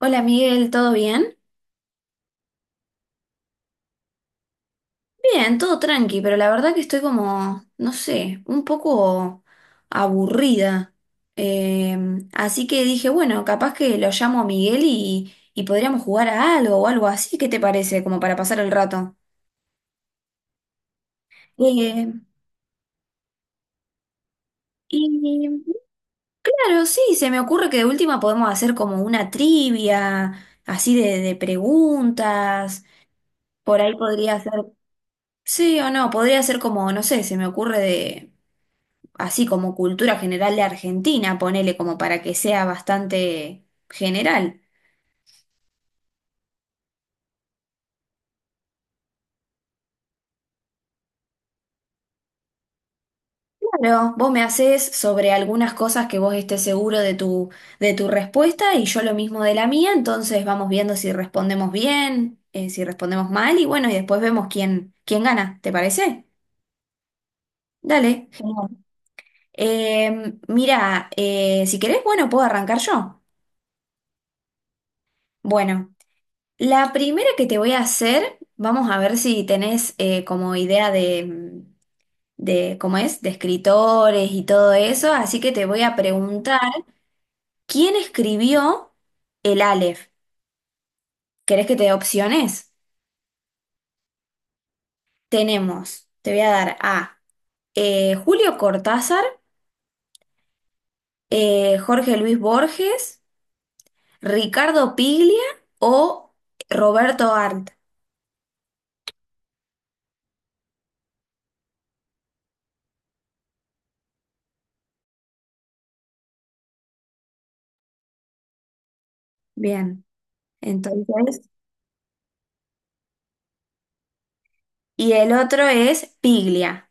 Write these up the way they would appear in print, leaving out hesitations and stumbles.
Hola Miguel, ¿todo bien? Bien, todo tranqui, pero la verdad que estoy como, no sé, un poco aburrida. Eh, Así que dije, bueno, capaz que lo llamo a Miguel y podríamos jugar a algo o algo así, ¿qué te parece? Como para pasar el rato. Eh, y claro, sí, se me ocurre que de última podemos hacer como una trivia, así de preguntas, por ahí podría ser, sí o no, podría ser como, no sé, se me ocurre de... así como cultura general de Argentina, ponele como para que sea bastante general. Claro, vos me haces sobre algunas cosas que vos estés seguro de tu respuesta y yo lo mismo de la mía, entonces vamos viendo si respondemos bien, si respondemos mal y bueno, y después vemos quién gana, ¿te parece? Dale, genial. Mira, si querés, bueno, puedo arrancar yo. Bueno, la primera que te voy a hacer, vamos a ver si tenés como idea de ¿cómo es? De escritores y todo eso, así que te voy a preguntar, ¿quién escribió el Aleph? ¿Querés que te dé opciones? Tenemos, te voy a dar A, Julio Cortázar, Jorge Luis Borges, Ricardo Piglia o Roberto Arlt. Bien, entonces, y el otro es Piglia,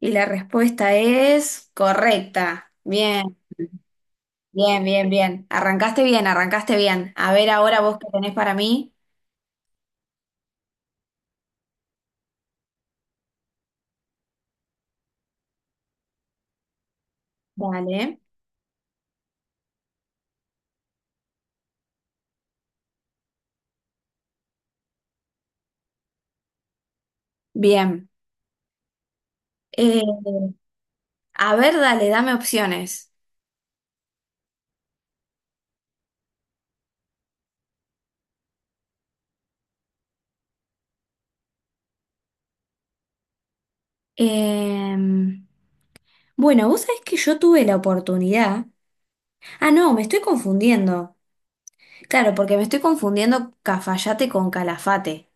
y la respuesta es correcta. Bien. Bien, bien, bien. Arrancaste bien, arrancaste bien. A ver ahora vos qué tenés para mí. Dale. Bien. Eh, a ver, dale, dame opciones. Eh, bueno, vos sabés que yo tuve la oportunidad. Ah, no, me estoy confundiendo. Claro, porque me estoy confundiendo Cafayate con Calafate.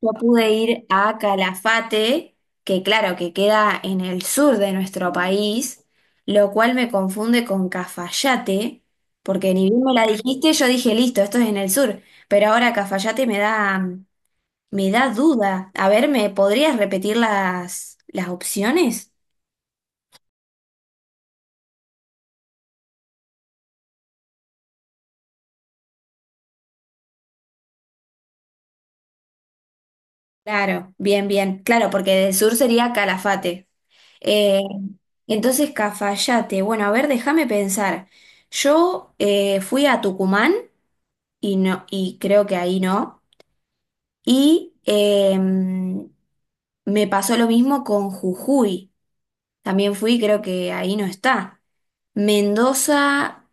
Yo pude ir a Calafate, que claro, que queda en el sur de nuestro país, lo cual me confunde con Cafayate, porque ni bien me la dijiste, yo dije, listo, esto es en el sur, pero ahora Cafayate me da duda. A ver, ¿me podrías repetir las opciones? Claro, bien, bien, claro, porque del sur sería Calafate. Eh, entonces, Cafayate, bueno, a ver, déjame pensar. Yo fui a Tucumán. Y no, y creo que ahí no. Y me pasó lo mismo con Jujuy. También fui, creo que ahí no está. Mendoza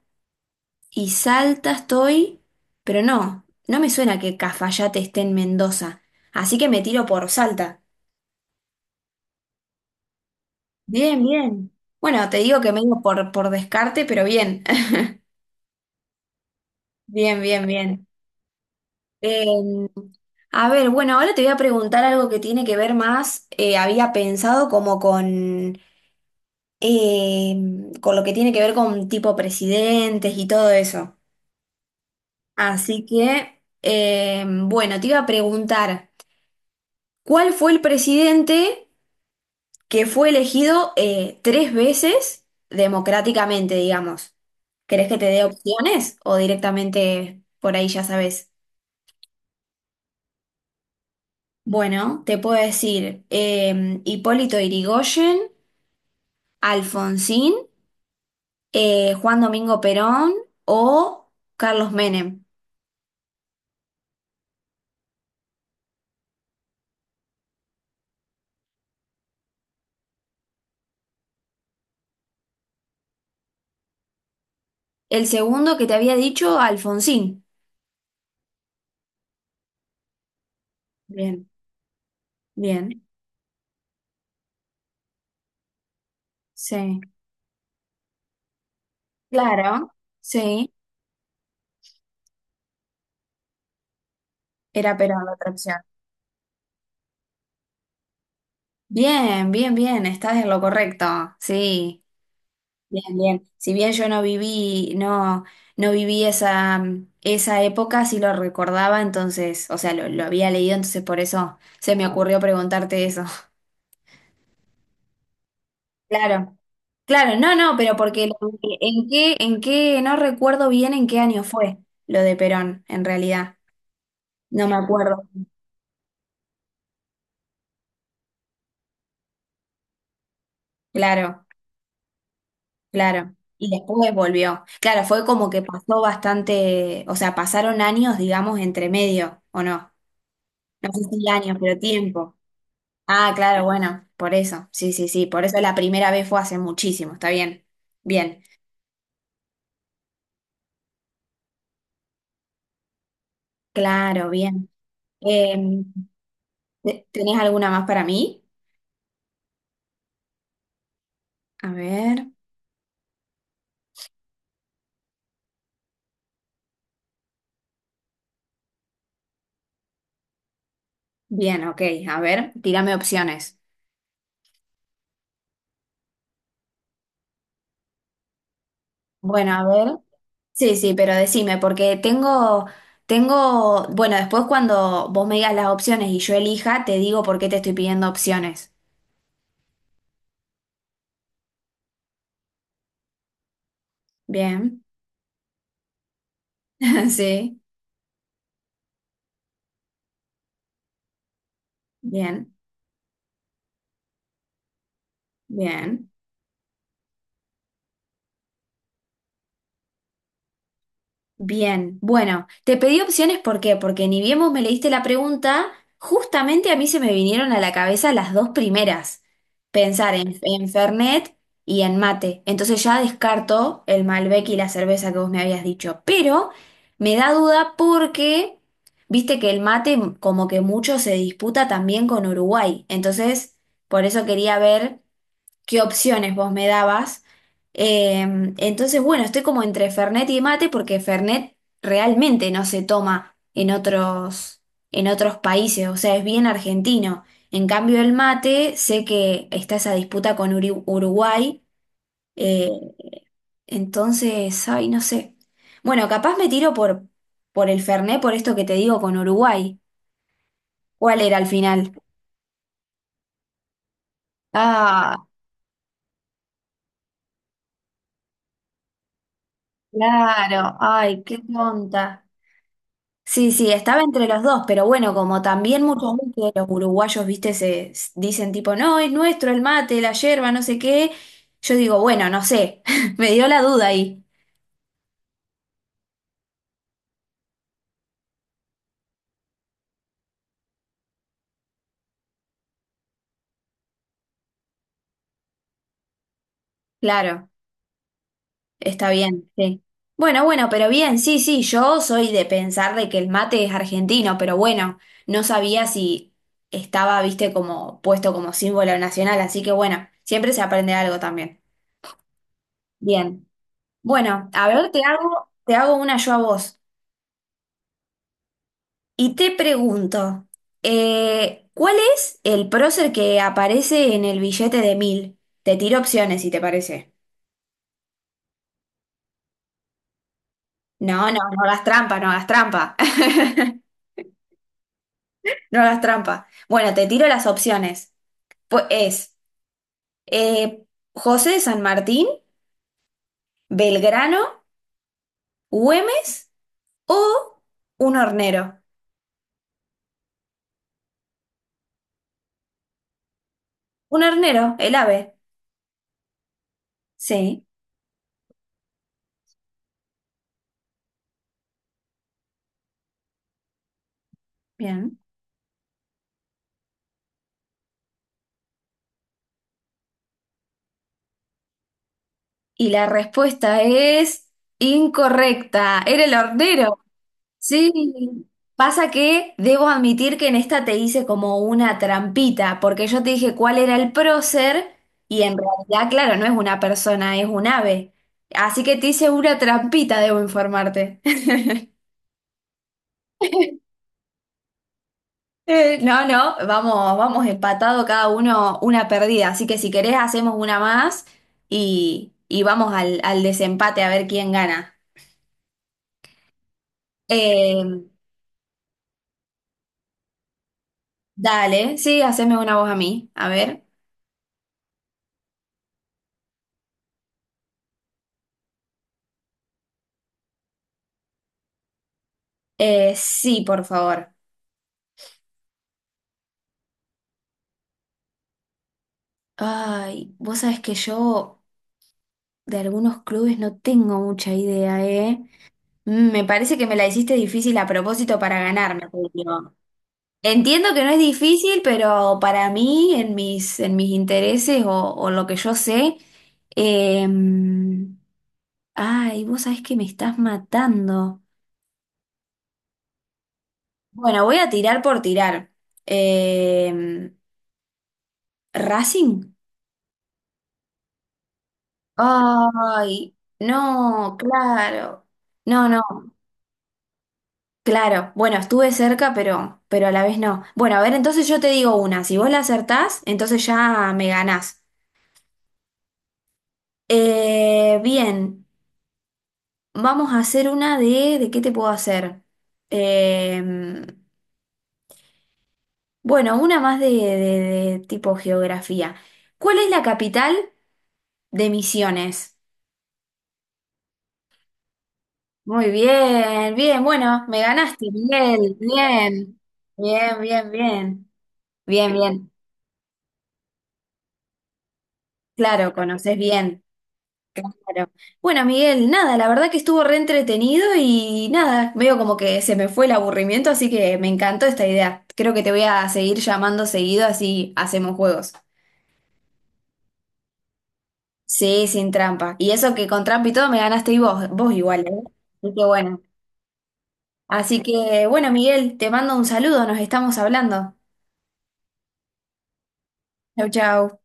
y Salta estoy, pero no, no me suena que Cafayate esté en Mendoza. Así que me tiro por Salta. Bien, bien. Bueno, te digo que me digo por descarte, pero bien. Bien, bien, bien. Em, a ver, bueno, ahora te voy a preguntar algo que tiene que ver más, había pensado como con con lo que tiene que ver con tipo presidentes y todo eso. Así que, bueno, te iba a preguntar, ¿cuál fue el presidente que fue elegido tres veces democráticamente, digamos? ¿Querés que te dé opciones o directamente por ahí ya sabes? Bueno, te puedo decir Hipólito Yrigoyen, Alfonsín, Juan Domingo Perón o Carlos Menem. El segundo que te había dicho, Alfonsín. Bien, bien, sí. Claro, sí, era Perón la otra opción. Bien, bien, bien, estás en lo correcto. Sí, bien, bien. Si bien yo no viví, no, no viví esa época, sí lo recordaba, entonces, o sea, lo había leído, entonces por eso se me ocurrió preguntarte eso. Claro, claro, no, no, pero porque lo- en qué, no recuerdo bien en qué año fue lo de Perón, en realidad. No me acuerdo, claro, claro. Y después volvió. Claro, fue como que pasó bastante, o sea, pasaron años, digamos, entre medio, ¿o no? No sé si años, pero tiempo. Ah, claro, bueno, por eso, sí, sí, sí, por eso la primera vez fue hace muchísimo, está bien, bien, claro, bien. Eh, ¿Te- ¿tenés alguna más para mí? A ver, bien, ok, a ver, tírame opciones. Bueno, a ver. Sí, sí, pero decime, porque tengo, bueno, después cuando vos me digas las opciones y yo elija, te digo por qué te estoy pidiendo opciones. Bien, sí, bien, bien. Bien, bueno, te pedí opciones, ¿por qué? Porque ni bien vos me leíste la pregunta, justamente a mí se me vinieron a la cabeza las dos primeras. Pensar en Fernet y en mate. Entonces ya descarto el Malbec y la cerveza que vos me habías dicho. Pero me da duda porque viste que el mate como que mucho se disputa también con Uruguay. Entonces, por eso quería ver qué opciones vos me dabas. Entonces, bueno, estoy como entre Fernet y mate porque Fernet realmente no se toma en en otros países, o sea, es bien argentino. En cambio, el mate, sé que está esa disputa con Uri- Uruguay, eh, entonces, ay, no sé. Bueno, capaz me tiro por el Fernet, por esto que te digo con Uruguay. ¿Cuál era al final? Ah, claro, ay, qué tonta. Sí, sí, estaba entre los dos, pero bueno, como también muchos veces los uruguayos, viste, se s- dicen tipo, no, es nuestro el mate, la yerba, no sé qué. Yo digo, bueno, no sé, me dio la duda ahí. Claro, está bien, sí. Bueno, bueno, pero bien, sí, sí, yo soy de pensar de que el mate es argentino, pero bueno, no sabía si estaba, viste, como puesto como símbolo nacional, así que bueno, siempre se aprende algo también. Bien. Bueno, a ver, te hago una yo a vos. Y te pregunto, ¿cuál es el prócer que aparece en el billete de mil? Te tiro opciones si te parece. No, no, no hagas trampa, no hagas trampa. No hagas trampa. Bueno, te tiro las opciones. Pues es eh, José de San Martín, Belgrano, Güemes o un hornero. Un hornero, el ave. Sí, bien. Y la respuesta es incorrecta. Era el hornero. Sí, pasa que debo admitir que en esta te hice como una trampita, porque yo te dije cuál era el prócer y en realidad, claro, no es una persona, es un ave. Así que te hice una trampita, debo informarte. No, no, vamos, vamos empatado cada uno una perdida, así que si querés hacemos una más y vamos al desempate a ver quién gana. Eh, Dale, sí, haceme una voz a mí, a ver. Sí, por favor. Ay, vos sabés que yo de algunos clubes no tengo mucha idea, ¿eh? Mm, me parece que me la hiciste difícil a propósito para ganarme, Julio. Entiendo que no es difícil, pero para mí, en mis intereses o lo que yo sé, eh, ay, vos sabés que me estás matando. Bueno, voy a tirar por tirar. Eh, ¿Racing? Ay, no, claro. No, no. Claro, bueno, estuve cerca, pero a la vez no. Bueno, a ver, entonces yo te digo una. Si vos la acertás, entonces ya me ganás. Bien, vamos a hacer una de... ¿De qué te puedo hacer? Eh, bueno, una más de de tipo geografía. ¿Cuál es la capital de Misiones? Muy bien, bien, bueno, me ganaste, Miguel. Bien, bien, bien, bien. Bien, bien. Claro, conoces bien. Claro. Bueno, Miguel, nada, la verdad que estuvo re entretenido y nada, veo como que se me fue el aburrimiento, así que me encantó esta idea. Creo que te voy a seguir llamando seguido, así hacemos juegos. Sí, sin trampa. Y eso que con trampa y todo me ganaste y vos igual, ¿eh? Así que bueno. Así que bueno, Miguel, te mando un saludo, nos estamos hablando. Chau, chau.